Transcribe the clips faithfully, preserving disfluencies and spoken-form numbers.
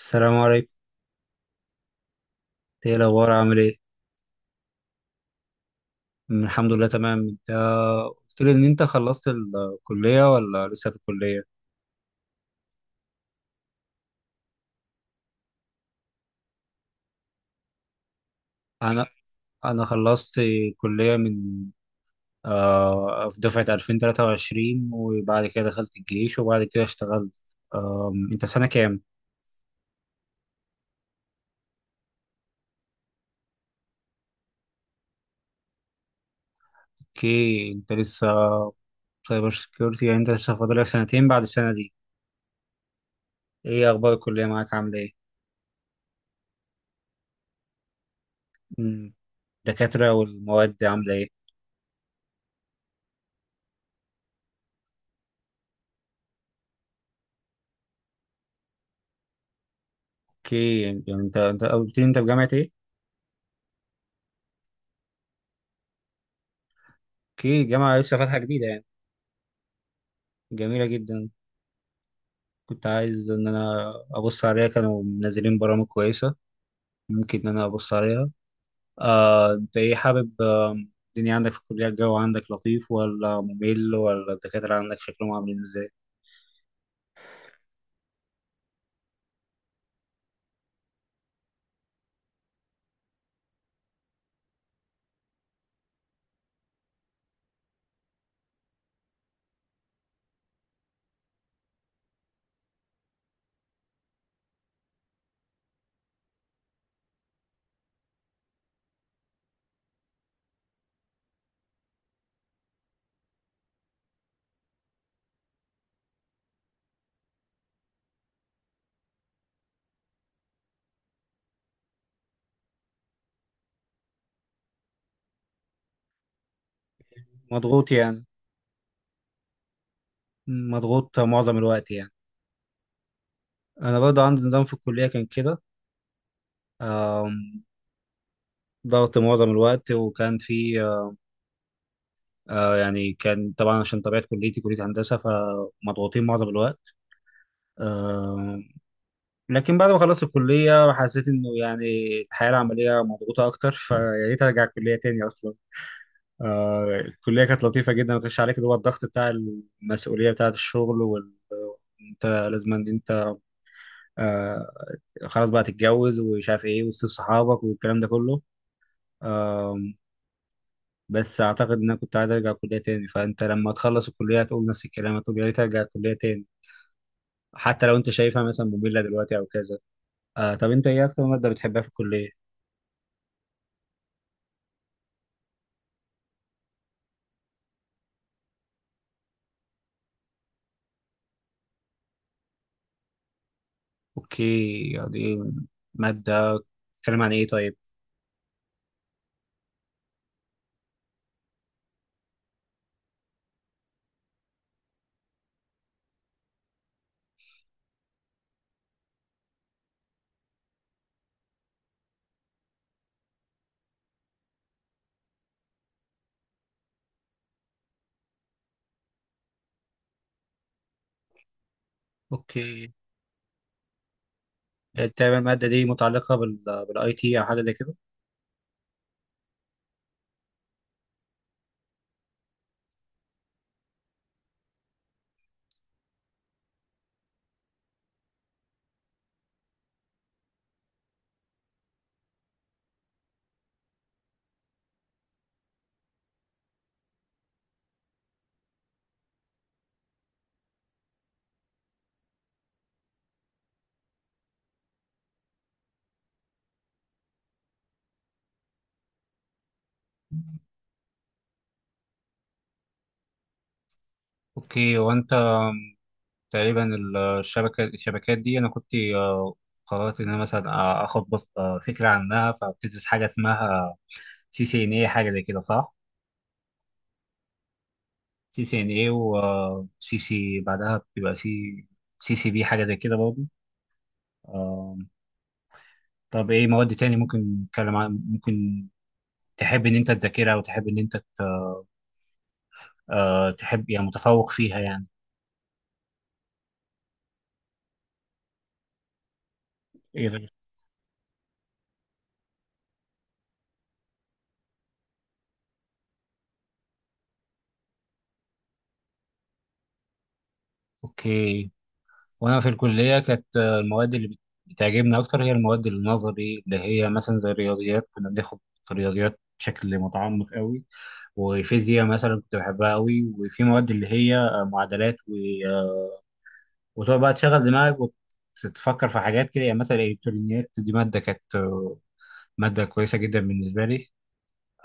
السلام عليكم. ايه الاخبار، عامل ايه؟ أمم، الحمد لله، تمام، انت؟ قلت لي ان انت خلصت الكليه ولا لسه في الكليه؟ انا انا خلصت الكليه من آه في دفعه ألفين وثلاثة وعشرين، وبعد كده دخلت الجيش، وبعد كده اشتغلت. آم، انت في سنه كام؟ اوكي، انت لسه سايبر سكيورتي، يعني انت لسه فاضلك سنتين بعد السنه دي؟ ايه اخبار الكليه معاك، عامله ايه؟ أمم، الدكاتره والمواد عامله ايه؟ اوكي، يعني انت انت قلت لي انت في جامعه ايه؟ اوكي، جامعة لسه فاتحة جديدة يعني. جميلة جدا. كنت عايز ان انا ابص عليها، كانوا منزلين برامج كويسة. ممكن ان انا ابص عليها. آه، انت ايه حابب آه، الدنيا عندك في الكلية، الجو عندك لطيف ولا ممل، ولا الدكاترة عندك شكلهم عاملين ازاي؟ مضغوط يعني؟ مضغوط معظم الوقت يعني؟ انا برضه عندي نظام في الكلية كان كده. آم، ضغط معظم الوقت، وكان في آه، آه، يعني كان طبعا عشان طبيعة كليتي كلية هندسة، فمضغوطين معظم الوقت. لكن بعد ما خلصت الكلية حسيت إنه يعني الحياة العملية مضغوطة أكتر، فيا ريت أرجع الكلية تاني أصلا. آه الكلية كانت لطيفة جدا، ما كانش عليك اللي هو الضغط بتاع المسؤولية بتاعة الشغل وال أنت لازم إن أنت آه خلاص بقى تتجوز ومش عارف إيه وتسيب صحابك والكلام ده كله. آه بس أعتقد إن أنا كنت عايز أرجع الكلية تاني، فأنت لما تخلص الكلية هتقول نفس الكلام، هتقول يا ريت أرجع الكلية تاني، حتى لو أنت شايفها مثلا مملة دلوقتي أو كذا. آه طب أنت إيه أكتر مادة بتحبها في الكلية؟ اوكي، دي مادة بتتكلم عن ايه طيب؟ اوكي، تقريبا المادة دي متعلقة بال بالاي تي او حاجة زي كده؟ اوكي، وانت آم، تقريبا ال- الشبكة الشبكات دي انا كنت آه، قررت ان انا مثلا آه، اخد بص- آه، فكرة عنها، فبتدرس حاجة اسمها سي سي ان اي، حاجة زي كده، صح؟ سي سي ان اي، وسي سي بعدها بتبقى سي سي سي بي، حاجة زي كده برضه. آم، طب ايه مواد تاني ممكن نتكلم عن، ممكن تحب ان انت تذاكرها، وتحب ان انت آه، تحب يعني متفوق فيها يعني؟ ايه ده؟ اوكي، وانا في الكليه كانت آه، المواد اللي بت- بتعجبني اكتر هي المواد النظري، اللي هي مثلا زي الرياضيات. كنا بناخد رياضيات بشكل متعمق قوي، وفيزياء مثلا كنت بحبها قوي. وفي مواد اللي هي آه، معادلات و... آه، وتقعد بقى تشغل دماغك وتتفكر في حاجات كده، يعني مثلا الالكترونيات دي ماده كانت آه، ماده كويسه جدا بالنسبه لي.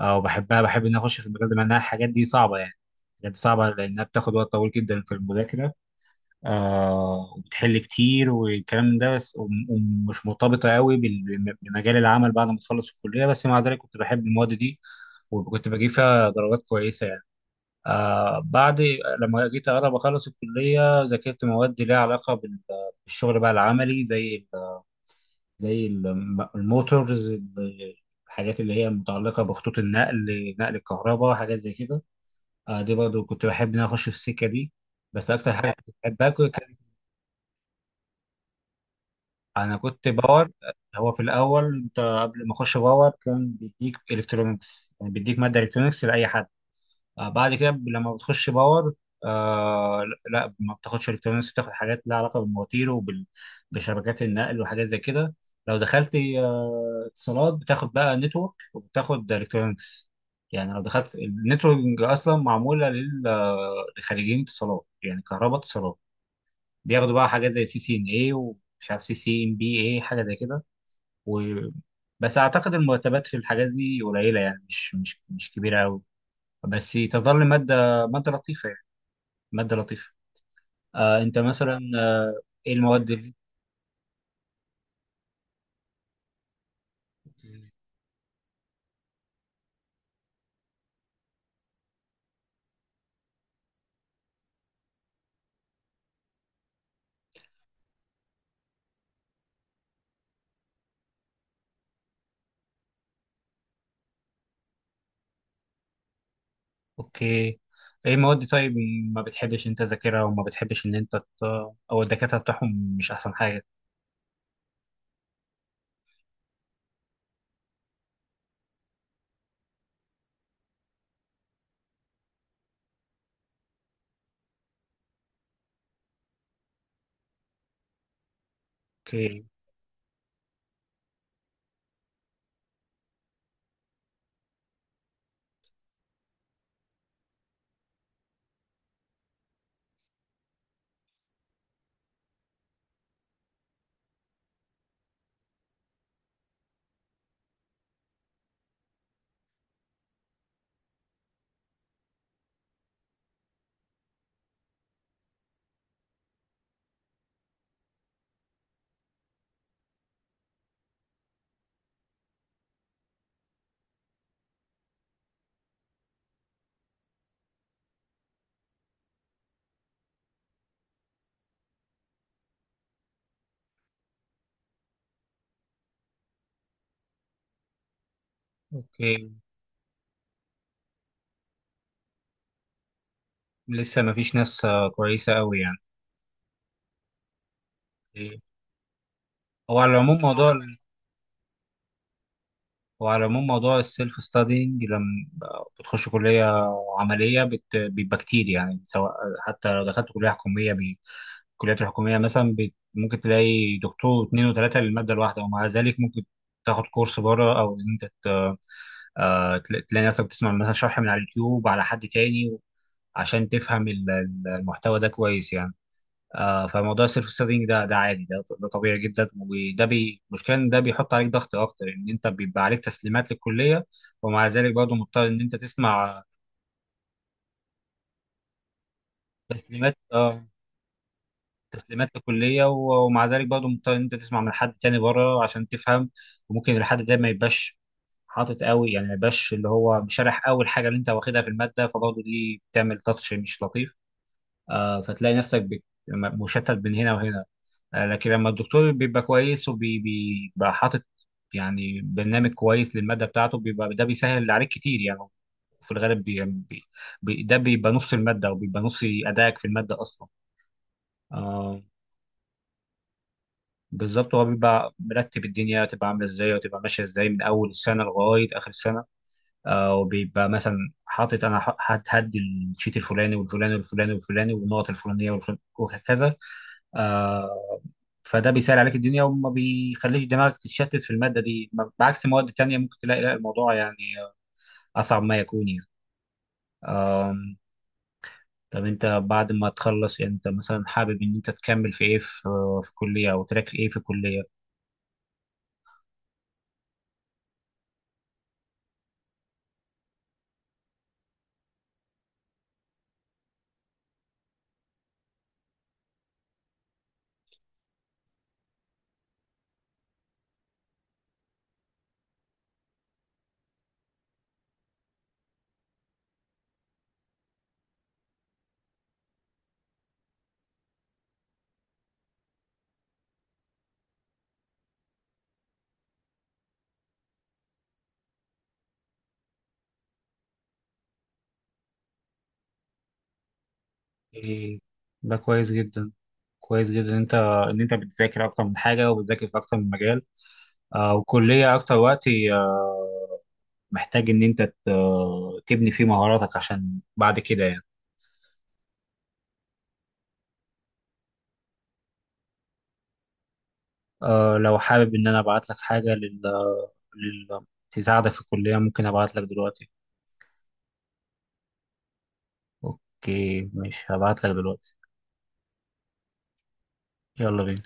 آه، وبحبها، بحب ان أنا اخش في المجال ده، مع انها الحاجات دي صعبه يعني. حاجات صعبه لانها بتاخد وقت طويل جدا في المذاكره. آه وبتحل كتير والكلام ده. بس وم- ومش مرتبطة قوي بال- بمجال العمل بعد ما تخلص الكلية. بس مع ذلك كنت بحب المواد دي، وكنت بجيب فيها درجات كويسة يعني. آه بعد لما جيت أقرب أخلص الكلية، ذاكرت مواد ليها علاقة بال- بالشغل بقى العملي، زي ال- زي الم- الموتورز، الحاجات اللي هي متعلقة بخطوط النقل، نقل الكهرباء، حاجات زي كده. آه دي برضه كنت بحب إن أنا أخش في السكة دي. بس أكتر حاجة كنت بحبها، انا كنت باور. هو في الاول، انت قبل ما اخش باور، كان بيديك الكترونكس، يعني بيديك ماده الكترونكس لاي حد. آه بعد كده ب- لما بتخش باور آه لا، ما بتاخدش الكترونكس، بتاخد حاجات لها علاقه بالمواتير وبشبكات النقل وحاجات زي كده. لو دخلت آه اتصالات، بتاخد بقى نتورك وبتاخد الكترونكس. يعني لو دخلت النتورك اصلا، معموله لل- آه، لخريجين اتصالات، يعني كهرباء اتصالات، بياخدوا بقى حاجات زي سي سي ان اي، ومش عارف سي سي ان بي اي حاجه زي كده و... بس اعتقد المرتبات في الحاجات دي قليله يعني، مش مش مش كبيره قوي، بس تظل ماده ماده لطيفه يعني. ماده لطيفه. آه انت مثلا آه، ايه المواد اللي اوكي، ايه مواد طيب ما بتحبش انت تذاكرها، وما بتحبش ان انت ت... او الدكاتره بتاعهم مش احسن حاجه؟ اوكي. اوكي، لسه ما فيش ناس آه، كويسه قوي يعني. أوكي. هو على العموم موضوع. وعلى العموم موضوع السيلف ستادينج لما بتخش كلية عملية، بت... بيبقى كتير يعني. سواء حتى لو دخلت كلية حكومية، بي... الكليات الحكومية مثلا بت... ممكن تلاقي دكتور واثنين وثلاثة للمادة الواحدة، ومع ذلك ممكن تاخد كورس بره، أو إن أنت ت... آه، تلا- تلاقي نفسك بتسمع مثلا شرح من على اليوتيوب على حد تاني، عشان تفهم ال- ال- المحتوى ده كويس يعني. آه فموضوع السيلف سيرفنج ده ده عادي، ده, ده طبيعي جدا. وده بي المشكله ان ده بيحط عليك ضغط اكتر، ان انت بيبقى عليك تسليمات للكليه، ومع ذلك برضه مضطر ان انت تسمع. تسليمات اه تسليمات للكليه، و- ومع ذلك برضه مضطر ان انت تسمع من حد تاني بره عشان تفهم. وممكن الحد ده ما يبقاش حاطط قوي، يعني ما يبقاش اللي هو مشارح قوي الحاجه اللي انت واخدها في الماده، فبرضه دي بتعمل تاتش مش لطيف. آه، فتلاقي نفسك بت- مشتت بين هنا وهنا. آه، لكن لما الدكتور بيبقى كويس، وبيبقى حاطط يعني برنامج كويس للمادة بتاعته، بيبقى ده بيسهل عليك كتير يعني. في الغالب بي بي بي ده بيبقى نص المادة، وبيبقى نص أدائك في المادة أصلا. آه بالظبط، هو بيبقى مرتب الدنيا تبقى عاملة إزاي وتبقى ماشية إزاي، من أول السنة لغاية آخر السنة. آه وبيبقى مثلا حاطط أنا ح- هد- هدي الشيت الفلاني والفلاني والفلاني والفلاني، والنقط الفلانية والفلانية وهكذا. آه، فده بيسهل عليك الدنيا وما بيخليش دماغك تتشتت في المادة دي، ب- بعكس مواد تانية ممكن تلاقي لا، الموضوع يعني أصعب ما يكون يعني. أم، طب أنت بعد ما تخلص يعني، أنت مثلا حابب إن أنت تكمل في إيه، في في الكلية، أو تراك إيه في الكلية؟ إيه، ده كويس جدا. كويس جدا إن أنت إن أنت بتذاكر أكتر من حاجة، وبتذاكر في أكتر من مجال. آه، وكلية أكتر وقت آه، محتاج إن أنت ت- تبني فيه مهاراتك عشان بعد كده يعني. آه لو حابب إن أنا أبعت لك حاجة لل... لل... تساعدك في الكلية، ممكن أبعت لك دلوقتي؟ أوكي، مش هبعت لك دلوقتي. يلا بينا.